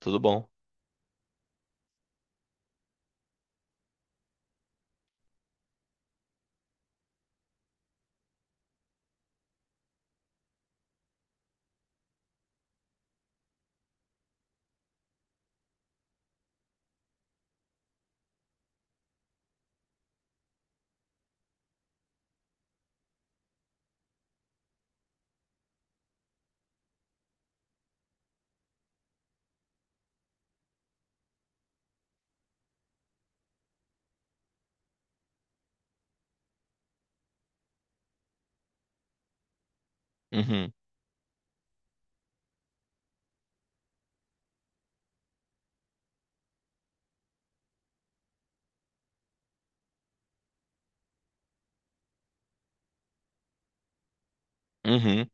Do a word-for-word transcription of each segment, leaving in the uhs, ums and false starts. Tudo bom. Uhum, uhum,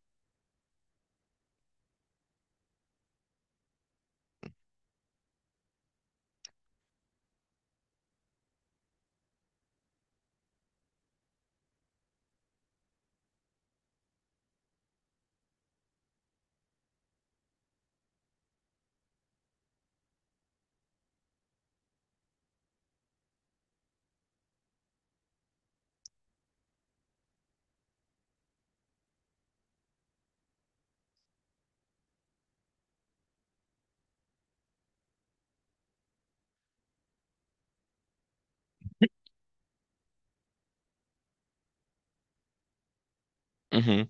uhum,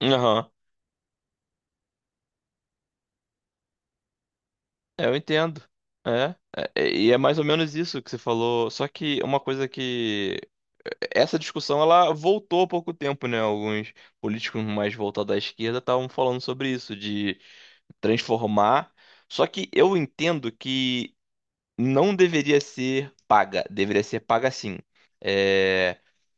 aham. É, eu entendo. É, é, é, e é mais ou menos isso que você falou. Só que uma coisa que. Essa discussão ela voltou há pouco tempo, né? Alguns políticos mais voltados à esquerda estavam falando sobre isso, de transformar. Só que eu entendo que não deveria ser paga, deveria ser paga sim. É,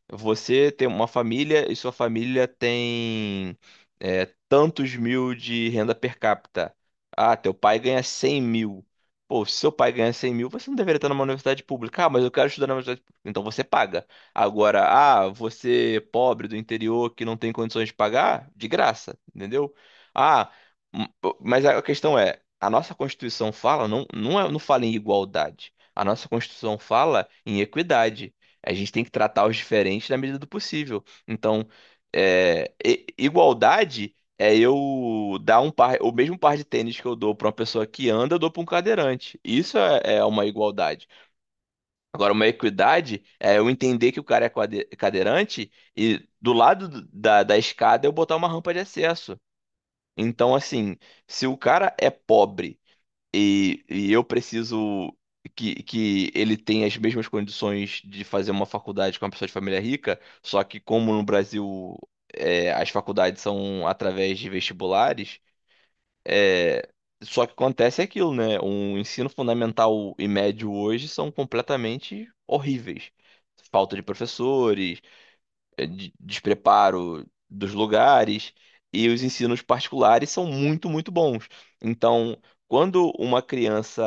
você tem uma família e sua família tem é, tantos mil de renda per capita. Ah, teu pai ganha cem mil. Pô, se seu pai ganha cem mil, você não deveria estar numa universidade pública. Ah, mas eu quero estudar na universidade pública. Então você paga. Agora, ah, você pobre do interior que não tem condições de pagar, de graça, entendeu? Ah, m- mas a questão é, a nossa Constituição fala, não, não, é- não fala em igualdade. A nossa Constituição fala em equidade. A gente tem que tratar os diferentes na medida do possível. Então, é, e- igualdade é eu dar um par, o mesmo par de tênis que eu dou para uma pessoa que anda, eu dou para um cadeirante. Isso é, é uma igualdade. Agora, uma equidade é eu entender que o cara é quade- cadeirante e do lado do- da, da escada eu botar uma rampa de acesso. Então, assim, se o cara é pobre e, e eu preciso que, que ele tenha as mesmas condições de fazer uma faculdade com uma pessoa de família rica, só que como no Brasil é, as faculdades são através de vestibulares, é, só que acontece aquilo, né? O ensino fundamental e médio hoje são completamente horríveis. Falta de professores, eh, de- despreparo dos lugares e os ensinos particulares são muito, muito bons. Então, quando uma criança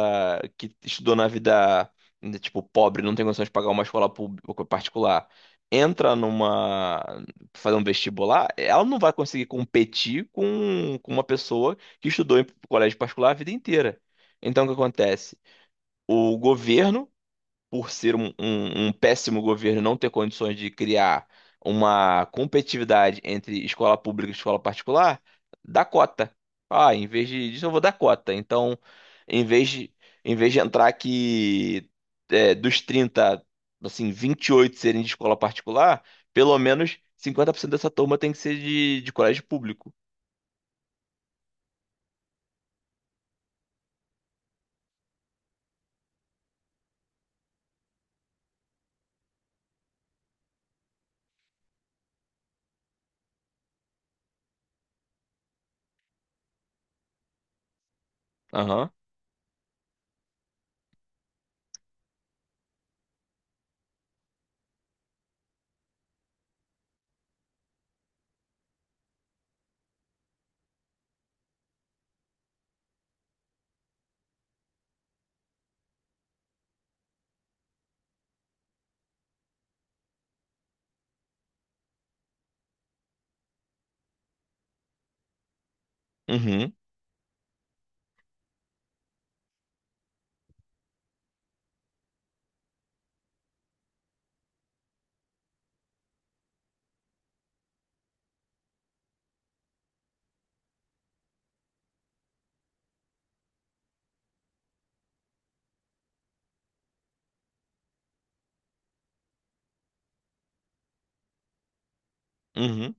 que estudou na vida, né, tipo, pobre, não tem condições de pagar uma escola pública particular, entra numa, fazer um vestibular, ela não vai conseguir competir com, com uma pessoa que estudou em colégio particular a vida inteira. Então, o que acontece? O governo por ser um, um- um péssimo governo não ter condições de criar uma competitividade entre escola pública e escola particular, dá cota. Ah, em vez de- disso eu vou dar cota. Então, em vez de, em vez de entrar que é, dos trinta assim, vinte e oito serem de escola particular, pelo menos cinquenta por cento dessa turma tem que ser de, de colégio público. Aham. Uhum. Uhum.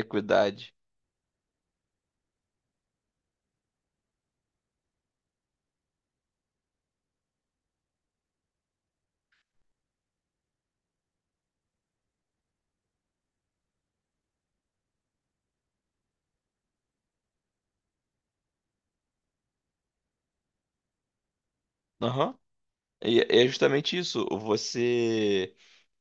Equidade. Aham. E e é justamente isso. Você.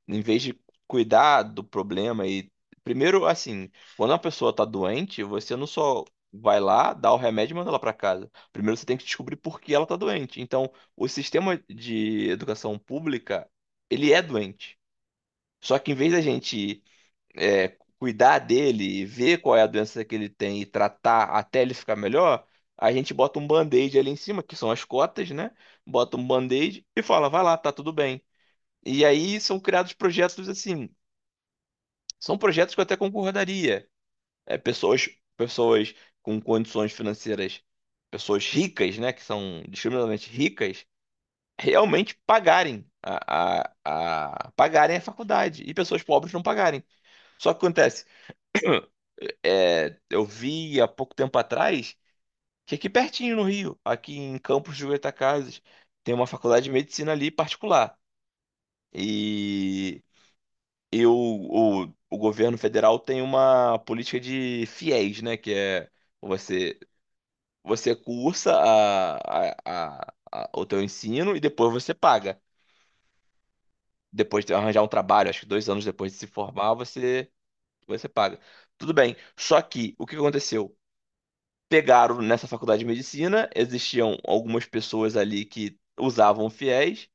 Em vez de cuidar do problema e. Primeiro, assim, quando uma pessoa tá doente, você não só vai lá, dá o remédio e manda ela pra casa. Primeiro você tem que descobrir por que ela tá doente. Então, o sistema de educação pública, ele é doente. Só que em vez da gente é, cuidar dele e ver qual é a doença que ele tem e tratar até ele ficar melhor, a gente bota um band-aid ali em cima, que são as cotas, né? Bota um band-aid e fala, vai lá, tá tudo bem. E aí são criados projetos assim são projetos que eu até concordaria. É, pessoas, pessoas com condições financeiras, pessoas ricas, né, que são discriminadamente ricas, realmente pagarem a, a, a- pagarem a faculdade e pessoas pobres não pagarem. Só que acontece, é, eu vi há pouco tempo atrás que aqui pertinho no Rio, aqui em Campos de Goytacazes, tem uma faculdade de medicina ali particular. e E o, o, o governo federal tem uma política de fiéis, né? Que é você, você cursa a, a, a- a- o teu ensino e depois você paga. Depois de arranjar um trabalho, acho que dois anos depois de se formar, você, você paga. Tudo bem. Só que o que aconteceu? Pegaram nessa faculdade de medicina, existiam algumas pessoas ali que usavam fiéis,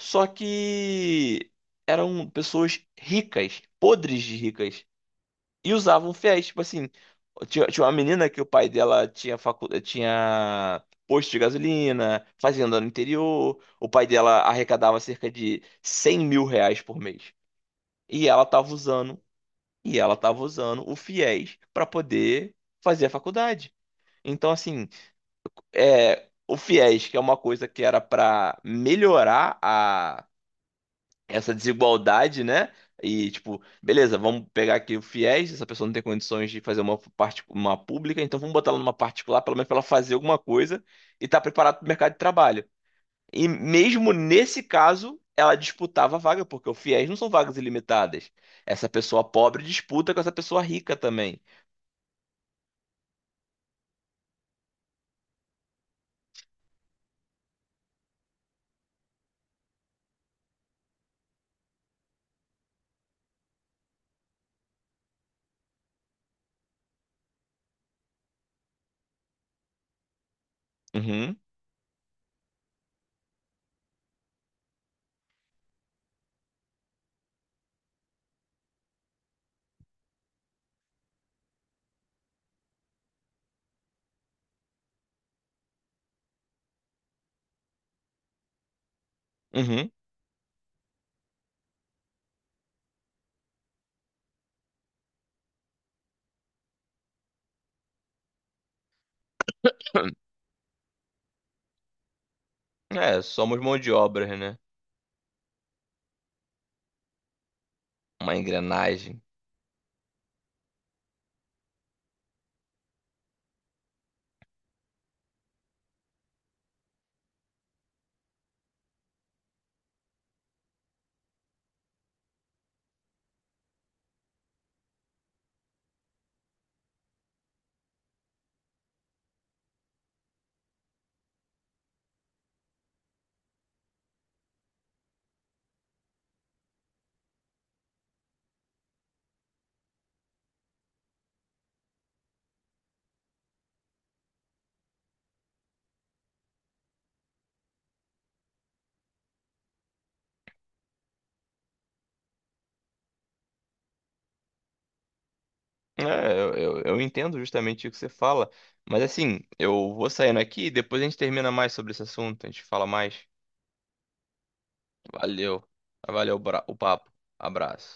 só que eram pessoas ricas, podres de ricas. E usavam fiéis, tipo assim. Tinha, tinha uma menina que o pai dela tinha, facu... tinha posto de gasolina, fazenda no interior. O pai dela arrecadava cerca de cem mil reais por mês. E ela tava usando, e ela tava usando o fiéis para poder fazer a faculdade. Então, assim, é, o fiéis, que é uma coisa que era para melhorar a essa desigualdade, né? E tipo, beleza, vamos pegar aqui o FIES, essa pessoa não tem condições de fazer uma parte uma pública, então vamos botar ela numa particular, pelo menos para ela fazer alguma coisa e estar tá preparada para o mercado de trabalho. E mesmo nesse caso, ela disputava a vaga, porque o FIES não são vagas ilimitadas. Essa pessoa pobre disputa com essa pessoa rica também. Uhum, uhum. É, somos mão de obra, né? Uma engrenagem. É, eu, eu, eu entendo justamente o que você fala, mas assim, eu vou saindo aqui e depois a gente termina mais sobre esse assunto, a gente fala mais. Valeu, valeu o bra- o papo, abraço.